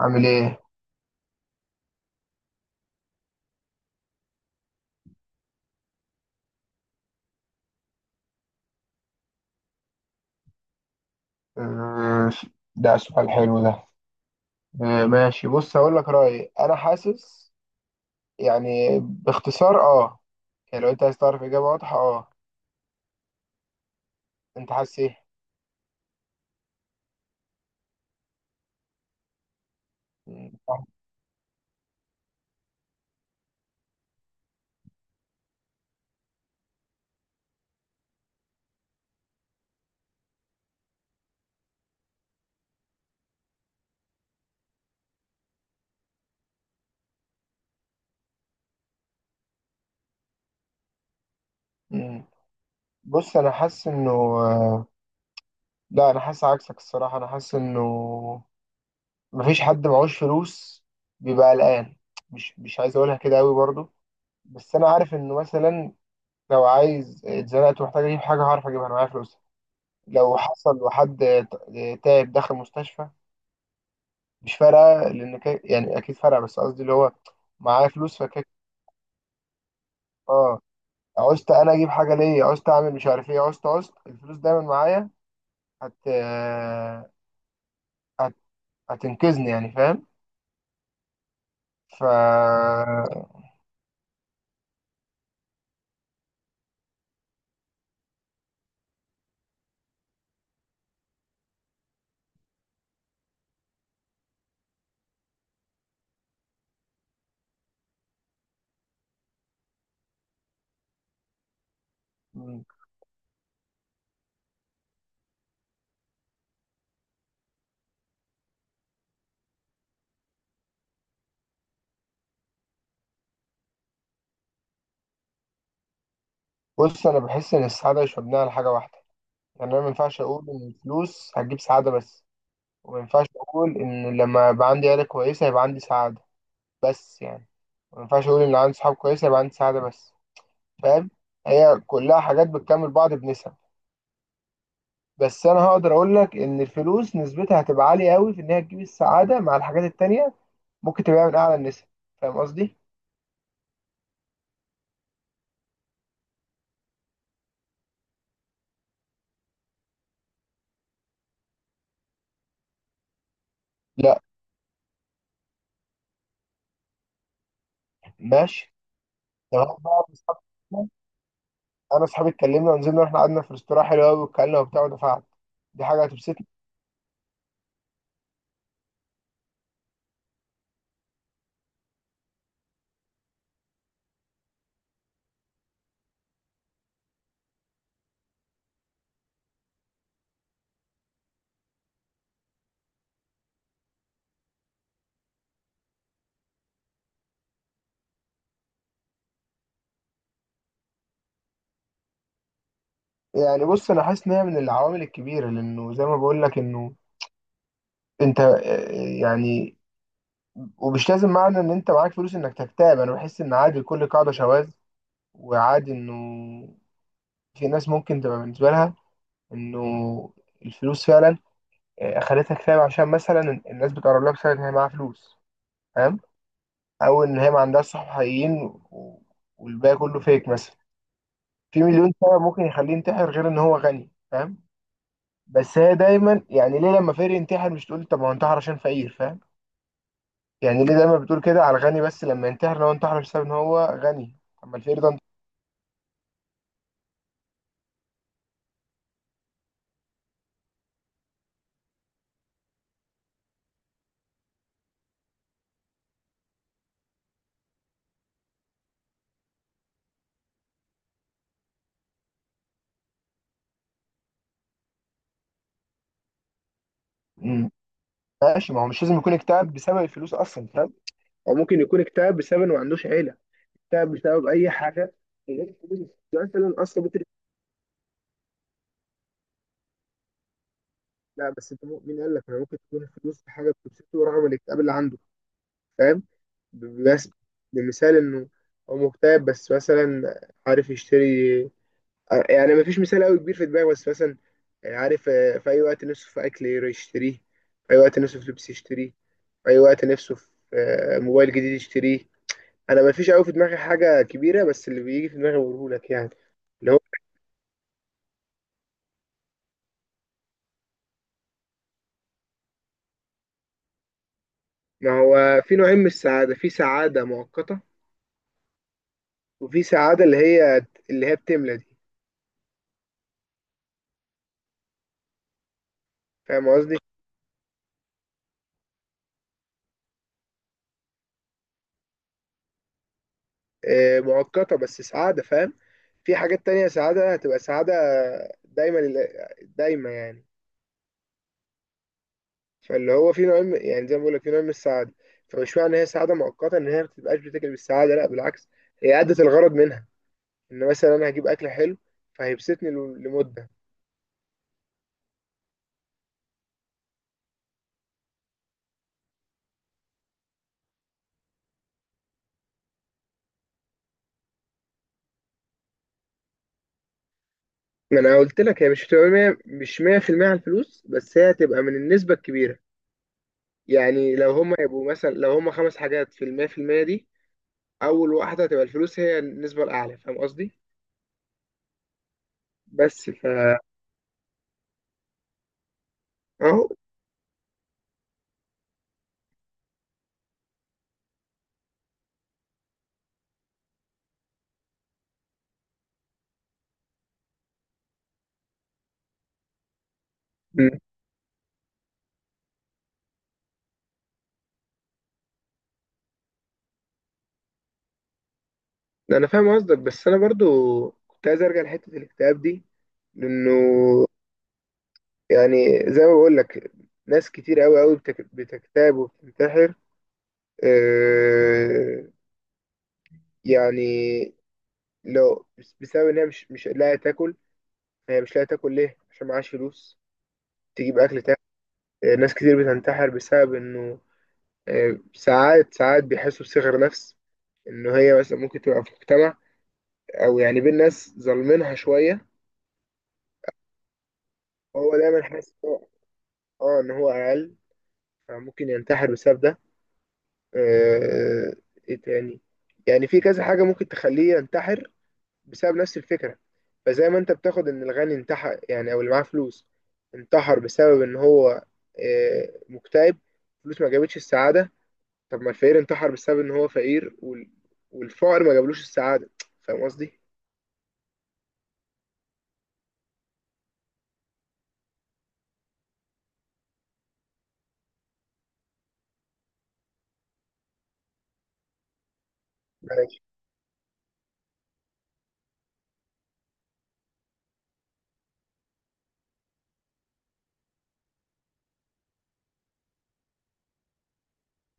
عامل ايه؟ آه، ده سؤال حلو ده. ماشي بص هقول لك رأيي. انا حاسس يعني باختصار يعني لو انت عايز تعرف اجابة واضحة انت حاسس ايه؟ مم، صح. مم. بص انا حاسس انه آه، لا انا حاسس عكسك الصراحة. انا حاسس انه مفيش حد معهوش فلوس بيبقى قلقان. مش عايز اقولها كده قوي برضو. بس انا عارف انه مثلا لو عايز اتزنقت ومحتاج اجيب حاجة هعرف اجيبها. انا معايا فلوس. لو حصل وحد تعب دخل مستشفى مش فارقة لأن يعني أكيد فارقة. بس قصدي اللي هو معايا فلوس فكده. اه، عوزت أنا أجيب حاجة ليا، عوزت أعمل مش عارف إيه، عوزت الفلوس دايما معايا. هت... هت... هتنقذني يعني. فاهم؟ ف م. بص أنا بحس إن السعادة مش مبنية على حاجة واحدة. يعني أنا ما ينفعش أقول إن الفلوس هتجيب سعادة بس، وما ينفعش أقول إن لما يبقى عندي عيلة كويسة يبقى عندي سعادة بس. يعني ما ينفعش أقول إن عندي صحاب كويسة يبقى عندي سعادة بس. فاهم؟ هي كلها حاجات بتكمل بعض بنسب. بس انا هقدر اقول لك ان الفلوس نسبتها هتبقى عاليه قوي في ان هي تجيب السعاده مع الحاجات التانيه. ممكن تبقى من اعلى النسب. فاهم قصدي؟ لا. ماشي. طب هات بقى انا اصحابي اتكلمنا ونزلنا واحنا قعدنا في ريستوران حلو قوي واتكلمنا وبتاع ودفعت. دي حاجه هتبسطني. يعني بص انا حاسس ان هي من العوامل الكبيره لانه زي ما بقول لك انه انت يعني، ومش لازم معنى ان انت معاك فلوس انك تكتئب. انا بحس ان عادي لكل قاعده شواذ. وعادي انه في ناس ممكن تبقى بالنسبة لها إنه الفلوس فعلا خلتها كتاب، عشان مثلا الناس بتقرب لها بسبب إن هي معاها فلوس. فاهم؟ أو إن هي ما عندهاش صحاب حقيقيين و- والباقي كله فيك مثلا. في مليون سبب ممكن يخليه ينتحر غير إن هو غني. فاهم؟ بس هي دايما يعني، ليه لما فقير ينتحر مش تقول طب هو انتحر عشان فقير؟ فاهم؟ يعني ليه دايما بتقول كده على الغني بس، لما ينتحر لو انتحر بسبب إن هو غني؟ أما الفقير ده انت- مم. ماشي. ما هو مش لازم يكون اكتئاب بسبب الفلوس أصلا. فاهم؟ هو ممكن يكون اكتئاب بسبب إنه ما عندوش عيلة. تعب بسبب اي حاجه غير الفلوس. يعني مثلا اصلا لا بس انت مين قال لك، انا ممكن تكون الفلوس في حاجه بتبسطه ورغم الاكتئاب اللي عنده. فاهم؟ بس بمثال انه هو مكتئب بس مثلا عارف يشتري. يعني ما فيش مثال قوي كبير في دماغي، بس مثلا عارف في اي وقت نفسه في اكل يشتريه. في اي وقت نفسه في لبس يشتريه. في اي وقت نفسه في موبايل جديد يشتريه. انا ما فيش قوي في دماغي حاجه كبيره، بس اللي بيجي في دماغي بقوله لك. يعني اللي ما هو في نوعين من السعادة. في سعادة مؤقتة، وفي سعادة اللي هي بتملى دي. فاهم قصدي؟ مؤقتة بس سعادة. فاهم؟ في حاجات تانية سعادة هتبقى سعادة دايما. دايما يعني، فاللي هو في يعني زي ما بقول لك في نوع من السعادة. فمش معنى إن هي سعادة مؤقتة إن هي ما بتبقاش بتاكل بالسعادة. لا بالعكس، هي أدت الغرض منها. إن مثلا أنا هجيب أكل حلو فهيبسطني لمدة. ما أنا قلت لك هي مش هتبقى مية، مش 100% على الفلوس، بس هي هتبقى من النسبة الكبيرة. يعني لو هما يبقوا مثلا، لو هما خمس حاجات في المية، في المية دي أول واحدة هتبقى الفلوس هي النسبة الأعلى. فاهم قصدي؟ بس فا أهو. م. أنا فاهم قصدك، بس أنا برضو كنت عايز أرجع لحتة الاكتئاب دي، لأنه يعني زي ما بقول لك، ناس كتير أوي أوي بتكتئب وبتنتحر. أه. يعني لو بسبب إن هي مش لاقية تاكل. هي مش لاقية تاكل ليه؟ عشان معهاش فلوس. تجيب أكل تاكل. ناس كتير بتنتحر بسبب إنه ساعات ساعات بيحسوا بصغر نفس، ان هي مثلا ممكن تبقى في مجتمع او يعني بين ناس ظالمينها شويه. وهو دايما حاسس إن هو- اه ان هو اقل، فممكن ينتحر بسبب ده. آه، ايه تاني. يعني في كذا حاجه ممكن تخليه ينتحر بسبب نفس الفكره. فزي ما انت بتاخد ان الغني انتحر يعني، او اللي معاه فلوس انتحر بسبب ان هو مكتئب، فلوس ما جابتش السعاده. طب ما الفقير انتحر بسبب ان هو فقير والفقر ما جابلوش السعادة. فاهم قصدي؟ ماشي.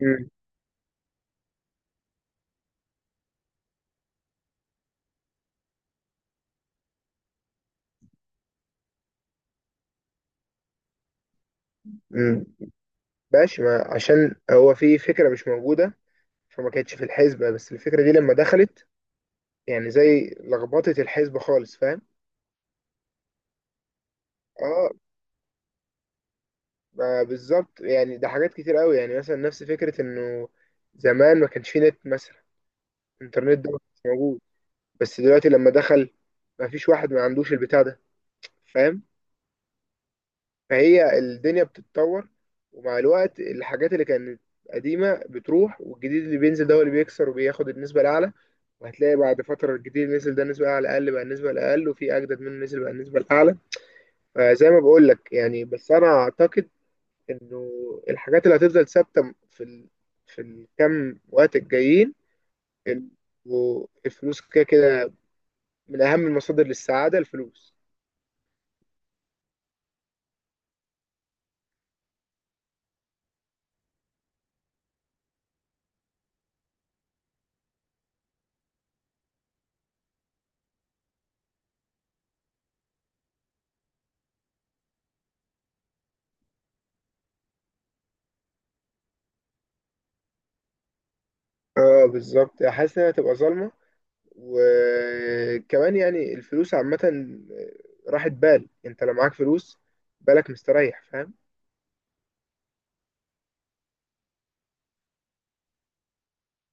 مم. مم. ماشي. ما عشان هو في فكرة مش موجودة فما كانتش في الحسبة. بس الفكرة دي لما دخلت يعني زي لخبطت الحسبة خالص. فاهم؟ اه. ما بالظبط. يعني ده حاجات كتير قوي. يعني مثلا نفس فكرة انه زمان ما كانش في نت مثلا. الانترنت ده ما كانش موجود، بس دلوقتي لما دخل ما فيش واحد ما عندوش البتاع ده. فاهم؟ فهي الدنيا بتتطور. ومع الوقت الحاجات اللي كانت قديمة بتروح، والجديد اللي بينزل ده هو اللي بيكسر وبياخد النسبة الأعلى. وهتلاقي بعد فترة الجديد اللي نزل ده النسبة الأعلى أقل، بقى النسبة الأقل، وفي أجدد منه نزل بقى النسبة الأعلى. فزي ما بقول لك، يعني بس أنا أعتقد إنه الحاجات اللي هتفضل ثابتة في الكام وقت الجايين. ال- والفلوس كده كده من أهم المصادر للسعادة الفلوس. اه بالظبط. حاسس إنها هتبقى ظالمة، وكمان يعني الفلوس عامة راحت بال. انت لو معاك فلوس بالك مستريح. فاهم؟